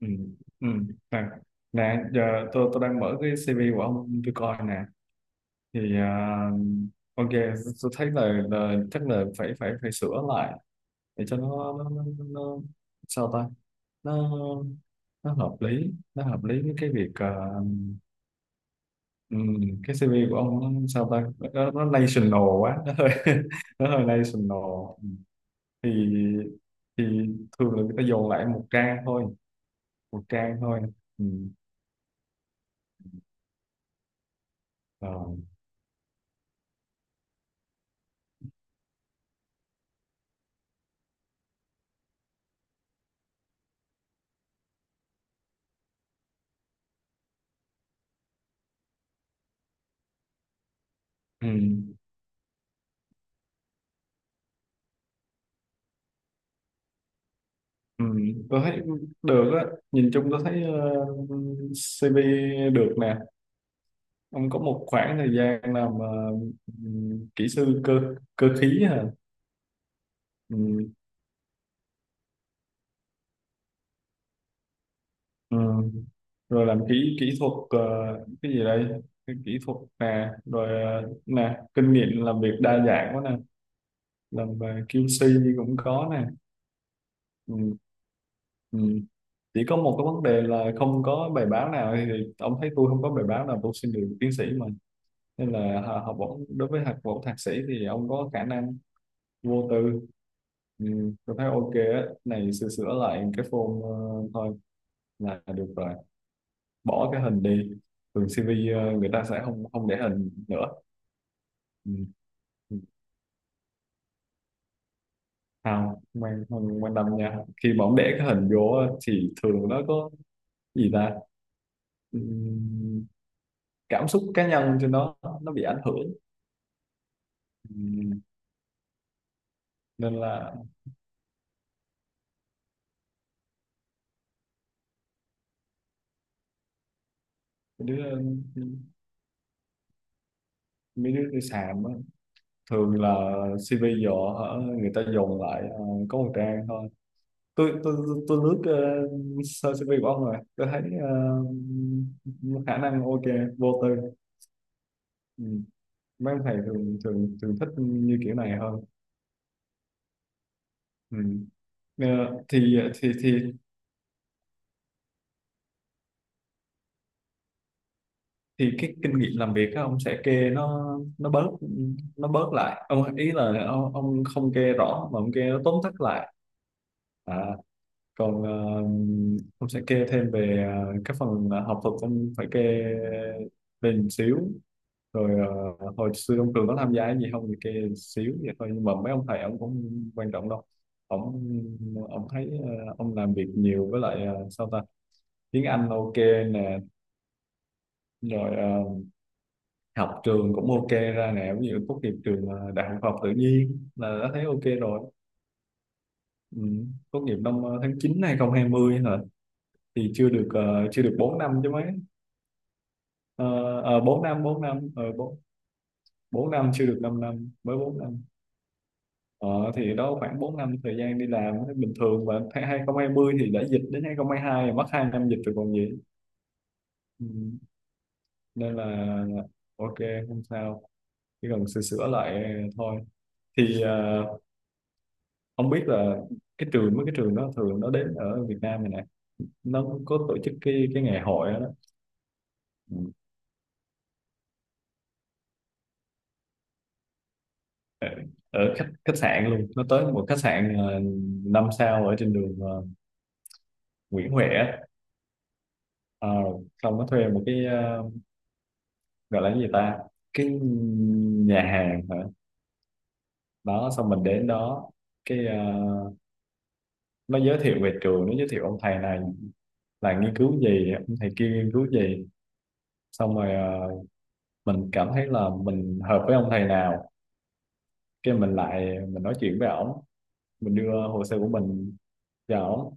ừ ừ. nè nè giờ tôi đang mở cái CV của ông tôi coi nè. thì à, ok, tôi thấy là chắc là phải phải phải sửa lại để cho nó nó, nó, nó nó- sao ta, nó nó hợp lý với cái việc ừ. Cái CV của ông nó sao ta, nó national quá, nó hơi nó hơi national. Thì thì thường là người ta dồn lại một trang thôi, một trang thôi. Ừ. Ờ. Ừ. Ừ, tôi thấy được á, nhìn chung tôi thấy CV được nè. Ông có một khoảng thời gian làm kỹ sư cơ cơ khí hả? Ừ. ừ. Rồi làm kỹ kỹ thuật cái gì đây, cái kỹ thuật nè, rồi nè, kinh nghiệm làm việc đa dạng quá nè, làm về QC cũng có nè. Ừ, ừ. Chỉ có một cái vấn đề là không có bài báo nào, thì ông thấy tôi không có bài báo nào tôi xin được tiến sĩ mà, nên là học bổng, đối với học bổng thạc sĩ thì ông có khả năng vô tư. Ừ, tôi thấy ok á, này sửa sửa lại cái form thôi là được rồi. Bỏ cái hình đi, thường CV người ta sẽ không không để hình nữa. Ừ. Ừ. không Không quan tâm nha, khi mà ông để cái hình vô á, thì thường nó có, gì ta, ừ, cảm xúc cá nhân trên đó, nó bị ảnh hưởng. Ừ. Nên là mấy đứa mấy đứa đi sàm á, thường là CV giờ hả, người ta dồn lại có một trang thôi. Tôi lướt sơ CV của ông rồi tôi thấy khả năng ok, vô tư. Ừ. Mấy ông thầy thường thường thường thích như kiểu này hơn. Ừ. Ờ, thì thì thì thì cái kinh nghiệm làm việc á, ông sẽ kê nó nó bớt nó bớt lại, ông ý là ông không kê rõ mà ông kê nó tóm tắt lại. À, còn ông sẽ kê thêm về các phần học thuật, ông phải kê về một xíu. Rồi hồi xưa ông Cường có tham gia cái gì không thì kê một xíu vậy thôi, nhưng mà mấy ông thầy ông cũng quan trọng đâu. ông ông thấy ông làm việc nhiều với lại sao ta, tiếng Anh ok nè, rồi học trường cũng ok ra nè, ví dụ tốt nghiệp trường đại học khoa học tự nhiên là đã thấy ok rồi. Ừ. Tốt nghiệp năm tháng 9 hai 2020 hả? Thì chưa được chưa được 4 năm chứ mấy. Ờ, 4 năm, bốn năm ờ, bốn 4 năm chưa được 5 năm, mới 4 năm. ờ, thì đó, khoảng 4 năm thời gian đi làm thấy bình thường, và tháng 2020 thì đã dịch, đến 2022 rồi, mất 2 năm dịch rồi còn gì. Ừ. Nên là ok, không sao, chỉ cần sửa sửa lại thôi. Thì không biết là cái trường, mấy cái trường đó thường nó đến ở Việt Nam này nè, nó có tổ chức cái ngày hội đó, đó. Ừ. ở, Ở khách khách sạn luôn, nó tới một khách sạn 5 sao ở trên đường Nguyễn Huệ á. Ờ, xong nó thuê một cái gọi là cái gì ta, cái nhà hàng hả. Đó xong mình đến đó, cái nó giới thiệu về trường, nó giới thiệu ông thầy này là nghiên cứu gì, ông thầy kia nghiên cứu gì. Xong rồi mình cảm thấy là mình hợp với ông thầy nào, cái mình lại mình nói chuyện với ổng, mình đưa hồ sơ của mình cho ổng,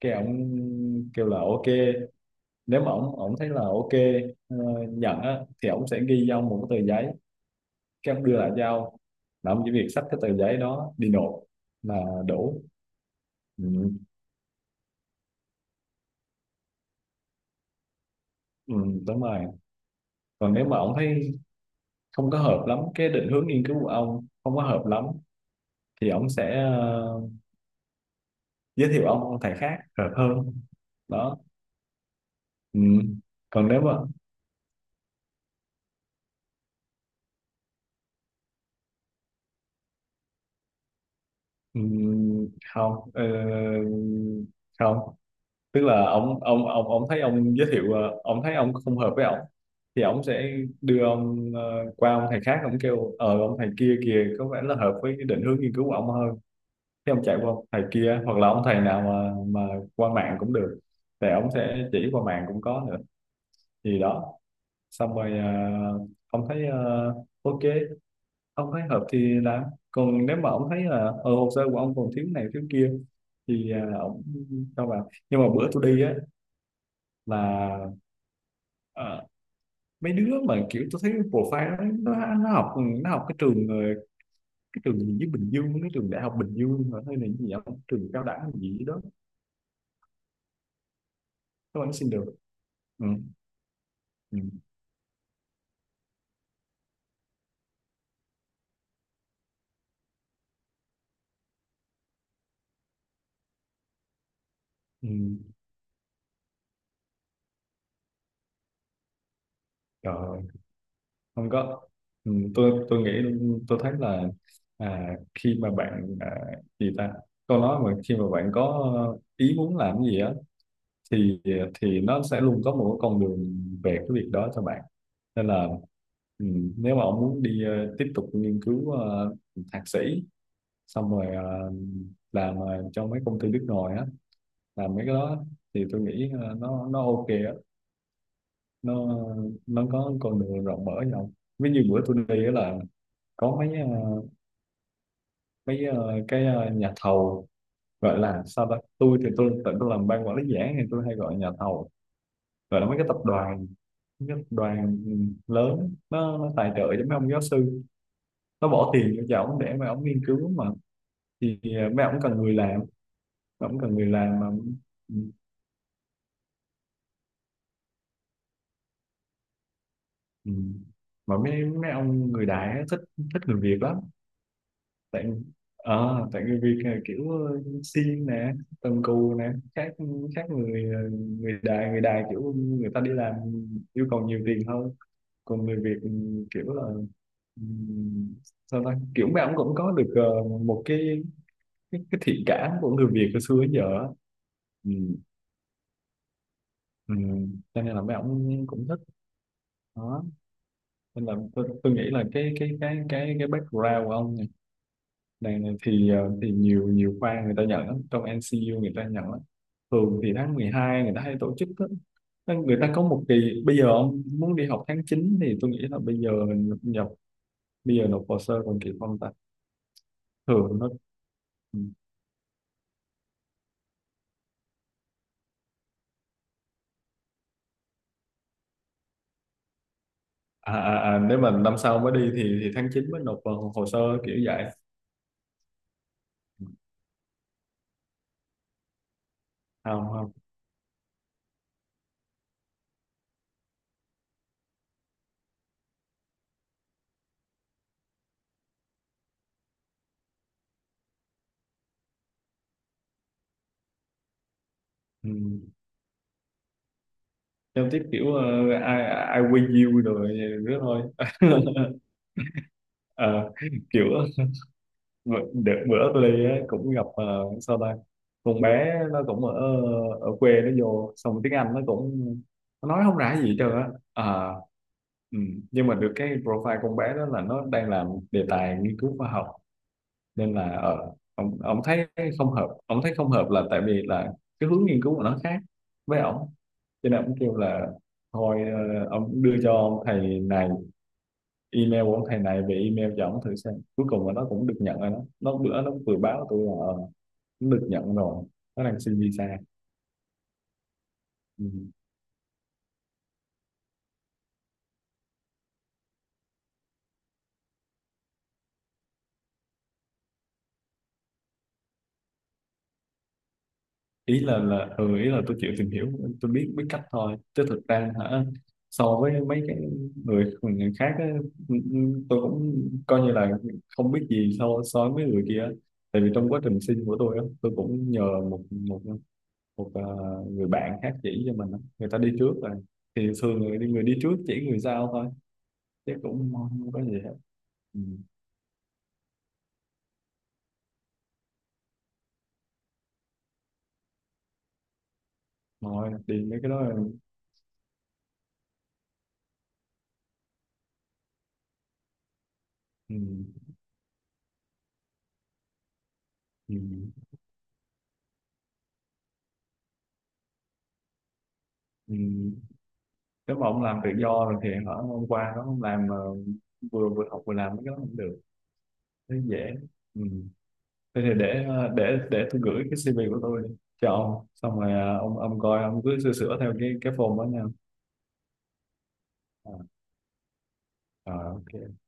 cái ổng kêu là ok. Nếu mà ổng ổng thấy là ok, ờ, nhận á, thì ổng sẽ ghi trong một cái tờ giấy, cái ông đưa lại cho ông, là ông chỉ việc xách cái tờ giấy đó đi nộp là đủ. ừ, ừ, Đúng rồi. Còn nếu mà ông thấy không có hợp lắm, cái định hướng nghiên cứu của ông không có hợp lắm, thì ông sẽ giới thiệu ông thầy khác hợp hơn, đó. Ừ. Còn nếu mà ừ, không không, tức là ông thấy, ông giới thiệu ông thấy ông không hợp với ông, thì ông sẽ đưa ông qua ông thầy khác, ông kêu ờ ông thầy kia kìa có vẻ là hợp với cái định hướng nghiên cứu của ông hơn. Thế ông chạy qua ông thầy kia, hoặc là ông thầy nào mà qua mạng cũng được, thì ông sẽ chỉ qua mạng cũng có nữa, gì đó. Xong rồi ông thấy ok, ông thấy hợp thì làm. Còn nếu mà ông thấy là hồ sơ của ông còn thiếu này thiếu kia, thì ông cho vào. Nhưng mà bữa tôi đi á là ờ, mấy đứa mà kiểu tôi thấy profile nó học, nó học cái trường cái trường gì với Bình Dương, cái trường đại học Bình Dương hả? Hay là cái gì đó, trường cao đẳng gì đó. Các bạn xin được. Ừ. Ừ. Ừ. Trời, không có. Ừ. Tôi nghĩ, tôi thấy là à, khi mà bạn à, gì ta, câu nói mà khi mà bạn có ý muốn làm cái gì á, thì nó sẽ luôn có một cái con đường về cái việc đó cho bạn. Nên là ừ, nếu mà ông muốn đi tiếp tục nghiên cứu thạc sĩ, xong rồi làm trong mấy công ty nước ngoài á, làm mấy cái đó, thì tôi nghĩ nó ok á, nó nó có con đường rộng mở nhau. Ví như bữa tôi đi á là có mấy nhà thầu, gọi là sao đó, tôi thì tôi tự tôi làm ban quản lý dự án thì tôi hay gọi nhà thầu, gọi là mấy cái tập đoàn nhất đoàn lớn, nó tài trợ cho mấy ông giáo sư, nó bỏ tiền vô cho ổng để mà ổng nghiên cứu mà. Thì mấy ổng cần người làm mấy ổng cần người làm mà. Ừ. Mà mấy mấy ông người đại á, thích thích người Việt lắm. Tại tại người Việt là kiểu siêng nè, cần cù nè, khác khác người à, người đại, kiểu người ta đi làm yêu cầu nhiều tiền hơn. Còn người Việt ừ, kiểu là ừ, sao ta, kiểu mấy ông cũng có được một cái cái thiện cảm của người Việt hồi xưa đến giờ á. Ừ. Ừ. Cho nên là mấy ông cũng thích, đó. Nên là tôi nghĩ là cái background của ông này thì thì nhiều nhiều khoa người ta nhận lắm, trong NCU người ta nhận lắm. Thường thì tháng 12 người ta hay tổ chức đó. Nên người ta có một kỳ, bây giờ ông muốn đi học tháng 9 thì tôi nghĩ là bây giờ mình nhập, bây giờ nộp hồ sơ còn kịp không ta. Thường nó ừ. À, à, à, nếu mà năm sau mới đi thì tháng 9 mới nộp vào hồ sơ, kiểu vậy. Không không. Ừ. Giao tiếp kiểu I, I win you rồi nữa thôi. Ờ, kiểu đợt bữa tôi đi á cũng gặp sao ta, con bé nó cũng ở ở quê nó vô, xong tiếng Anh nó cũng, nó nói không ra gì hết trơn á. Ờ, ừ. Nhưng mà được cái profile con bé đó là nó đang làm đề tài nghiên cứu khoa học, nên là ông thấy không hợp, ông thấy không hợp là tại vì là cái hướng nghiên cứu của nó khác với ông. Cho nên ông kêu là thôi ông đưa cho ông thầy này email của ông thầy này về, email cho ông thử xem, cuối cùng là nó cũng được nhận rồi đó. Nó bữa nó vừa báo tôi là nó được nhận rồi, nó đang xin visa. Ừ. Ý là tôi chịu tìm hiểu, tôi biết biết cách thôi, chứ thực ra hả, so với mấy cái người người khác á, ừ, ừ, tôi cũng coi như là không biết gì so so với mấy người kia á. Tại vì trong quá trình sinh của tôi á, tôi cũng nhờ một một một người bạn khác chỉ cho mình á. Người ta đi trước rồi thì thường người đi trước chỉ người sau thôi, chứ cũng không có gì hết. Ừ. Thôi đi mấy cái đó. Ừ. Ừ. Ừ. Ừ. Nếu mà ông làm tự do rồi thì hả, hôm qua đó ông làm vừa vừa học vừa làm cái đó cũng được, thấy dễ. Ừ. Thế thì để để tôi gửi cái CV của tôi cho ông, xong rồi ông coi, ông cứ sửa sửa theo cái form đó nha. À, à, ok.